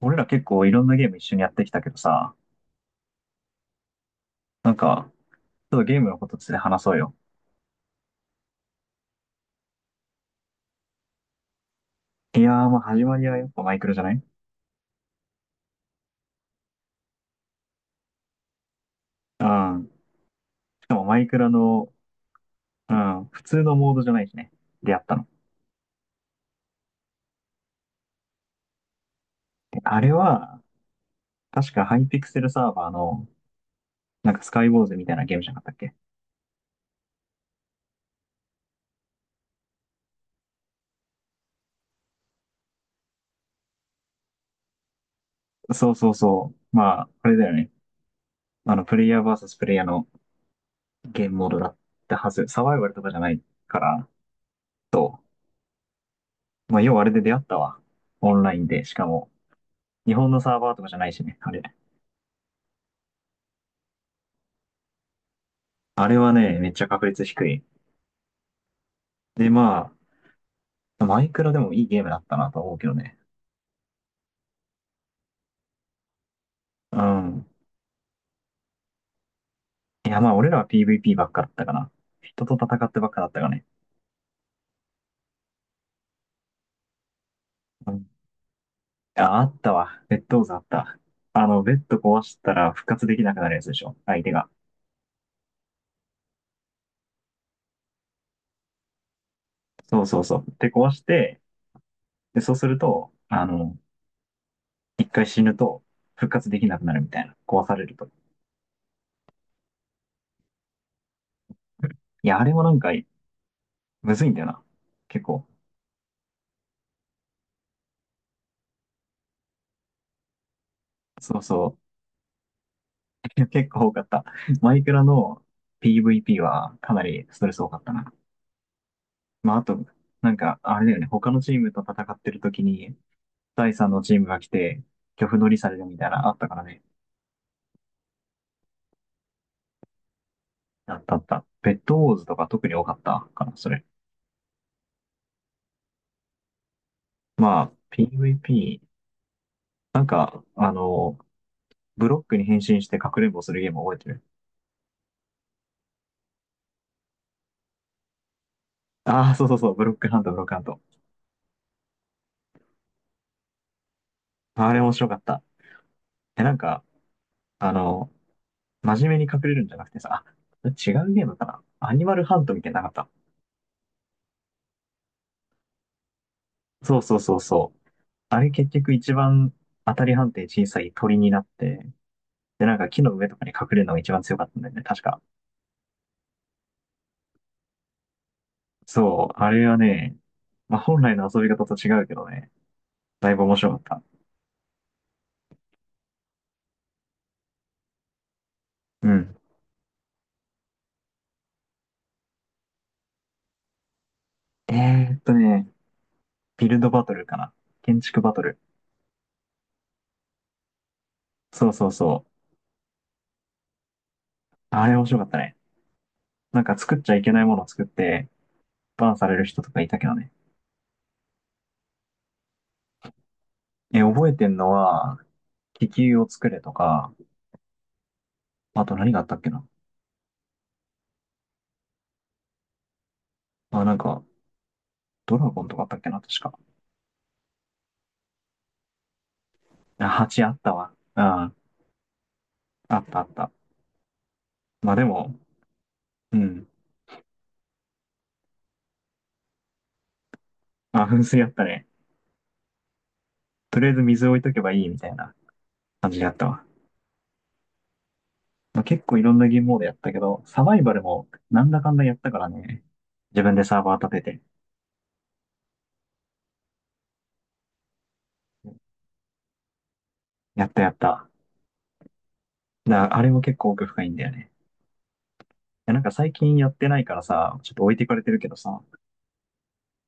俺ら結構いろんなゲーム一緒にやってきたけどさ、なんか、ちょっとゲームのことついて話そうよ。いやー、まあ始まりはやっぱマイクラじゃない？うん。しかもマイクラの、うん、普通のモードじゃないしね。出会ったの。で、あれは、確かハイピクセルサーバーの、なんかスカイウォーズみたいなゲームじゃなかったっけ？そうそうそう。まあ、あれだよね。あの、プレイヤー VS プレイヤーのゲームモードだったはず。サバイバルとかじゃないから、と。まあ、要はあれで出会ったわ。オンラインで。しかも、日本のサーバーとかじゃないしね、あれ。あれはね、めっちゃ確率低い。で、まあ、マイクラでもいいゲームだったなと思うけどね。うん。いや、まあ、俺らは PVP ばっかだったかな。人と戦ってばっかだったかね。うん。あ、あったわ。ベッドウザあった。あの、ベッド壊したら復活できなくなるやつでしょ。相手が。そうそうそう。で、壊して、で、そうすると、あの、一回死ぬと復活できなくなるみたいな。壊されると。いや、あれもなんか、むずいんだよな。結構。そうそう。結構多かった。マイクラの PVP はかなりストレス多かったな。まあ、あと、あれだよね、他のチームと戦ってる時に、第3のチームが来て、漁夫乗りされるみたいな、あったからね。あったあった。ベッドウォーズとか特に多かったかな、それ。まあ、PVP、あの、ブロックに変身してかくれんぼするゲーム覚えてる？ああー、そうそうそう、ブロックハント、ブロックハント。あれ面白かった。え、なんか、あの、真面目に隠れるんじゃなくてさ、あ、違うゲームかな？アニマルハントみたいなのなかった？そうそうそうそう。あれ結局一番当たり判定小さい鳥になって、で、なんか木の上とかに隠れるのが一番強かったんだよね、確か。そう、あれはね、まあ、本来の遊び方と違うけどね、だいぶ面白かった。うん。えーっとね、ビルドバトルかな。建築バトル。そうそうそう。あれ面白かったね。なんか作っちゃいけないものを作って、バンされる人とかいたけどね。え、覚えてんのは、気球を作れとか、あと何があったっけな。あ、なんか、ドラゴンとかあったっけな、確か。あ、蜂あったわ。あ、あったあった。まあでも、うん。あ、噴水あったね。とりあえず水置いとけばいいみたいな感じでやったわ。まあ、結構いろんなゲームモードやったけど、サバイバルもなんだかんだやったからね。自分でサーバー立てて。やったやった。だからあれも結構奥深いんだよね。最近やってないからさ、ちょっと置いてかれてるけどさ、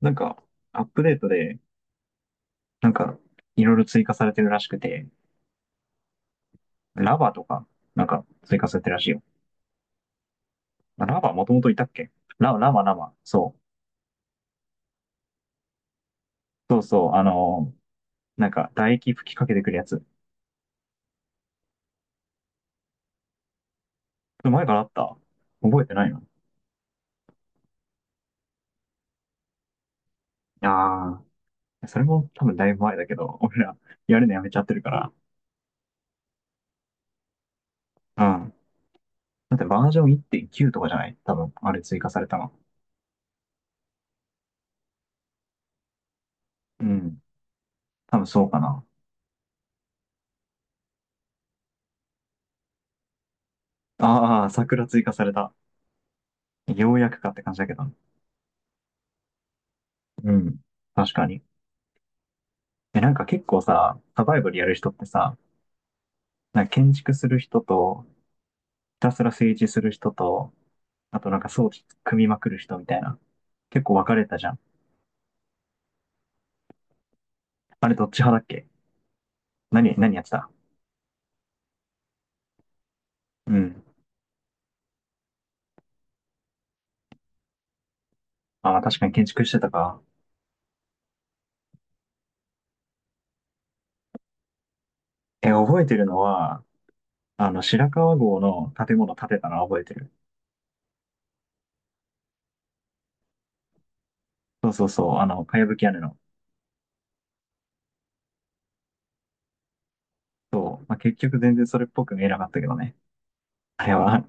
なんかアップデートで、なんかいろいろ追加されてるらしくて、ラバとか、なんか追加されてるらしいよ。まあラバもともといたっけ？ラバ、ラバ。そう。そうそう、あのーなんか唾液吹きかけてくるやつ。前からあった？覚えてないの？ああー、それも多分だいぶ前だけど、俺らやるのやめちゃってるから。うん。だってバージョン1.9とかじゃない？多分、あれ追加されたの。うん。多分そうかな。ああ、桜追加された。ようやくかって感じだけど。うん。確かに。え、なんか結構さ、サバイバルやる人ってさ、なんか建築する人と、たすら政治する人と、あとなんか装置組みまくる人みたいな。結構分かれたじゃん。あれどっち派だっけ？何やってた？うん。あ、まあ確かに建築してたか。え、覚えてるのは、あの、白川郷の建物建てたのは覚えてる。そうそうそう、あの、かやぶき屋根の。そう。まあ結局全然それっぽく見えなかったけどね。あれは、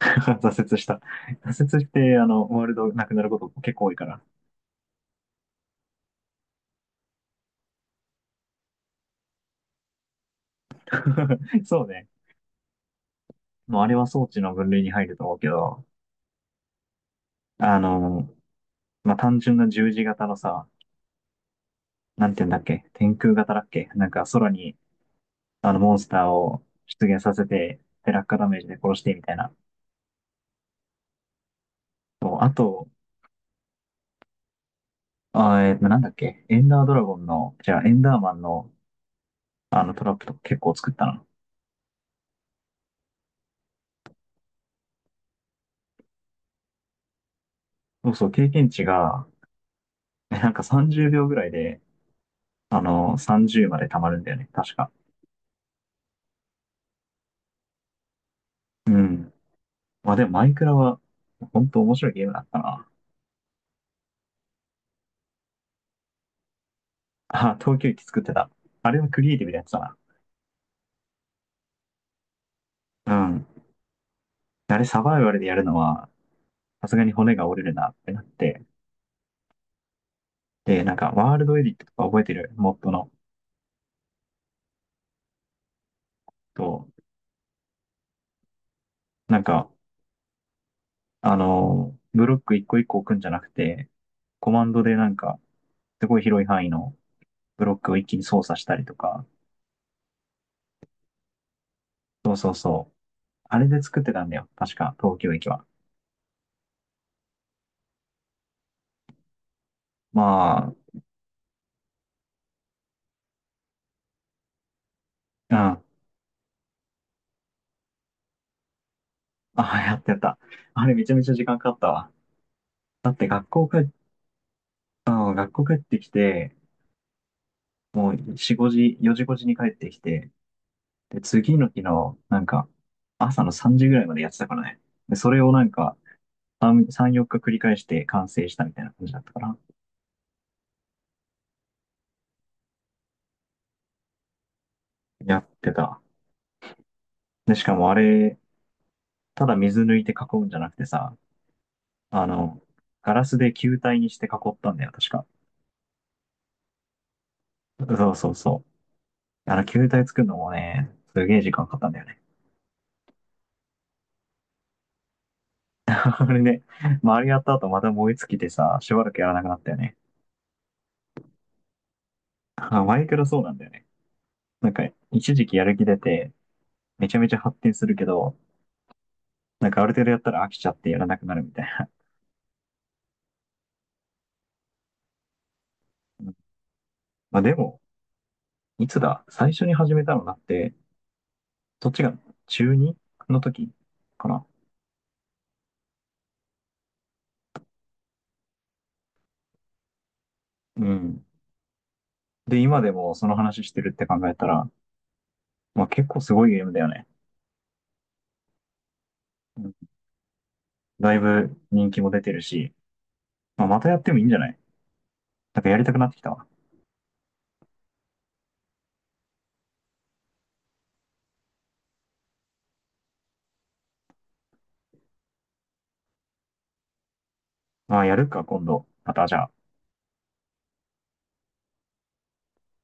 挫折した。挫折して、あの、ワールドなくなること結構多いから。そうね。もうあれは装置の分類に入ると思うけど、あの、まあ、単純な十字型のさ、なんて言うんだっけ？天空型だっけ？なんか空にあのモンスターを出現させて、で落下ダメージで殺してみたいな。そうあと、なんだっけ？エンダードラゴンの、じゃあエンダーマンのあのトラップとか結構作ったな。そうそう、経験値が、なんか30秒ぐらいで、あの、30まで溜まるんだよね、確か。うん。まあでもマイクラは、ほんと面白いゲームだったな。あ、東京駅作ってた。あれはクリエイティブなやつだな。うん。あれサバイバルでやるのは、さすがに骨が折れるなってなって、で、なんか、ワールドエディットとか覚えてる？モッドの。と、なんか、あのーブロック一個一個置くんじゃなくて、コマンドでなんか、すごい広い範囲のブロックを一気に操作したりとか、そうそうそう。あれで作ってたんだよ。確か、東京駅は。まあ、うん。あ、やってた。あれめちゃめちゃ時間かかったわ。だって学校帰っ、あの学校帰ってきて、もう4 5時に帰ってきて、で、次の日の、なんか、朝の3時ぐらいまでやってたからね。で、それをなんか、3、4日繰り返して完成したみたいな感じだったから、やってた。で、しかもあれ、ただ水抜いて囲うんじゃなくてさ、あの、ガラスで球体にして囲ったんだよ、確か。そうそうそう。あの、球体作るのもね、すげえ時間かかったんだよね。あれね、まあ、あれやった後また燃え尽きてさ、しばらくやらなくなったよね。あ、マイクラそうなんだよね。なんか、一時期やる気出て、めちゃめちゃ発展するけど、なんかある程度やったら飽きちゃってやらなくなるみたいな。うん。まあでも、いつだ、最初に始めたのだって、そっちが中2の時かな。うん。で、今でもその話してるって考えたら、まあ結構すごいゲームだよね。うん。だいぶ人気も出てるし、まあまたやってもいいんじゃない？なんかやりたくなってきたわ。まあやるか、今度。またじゃあ。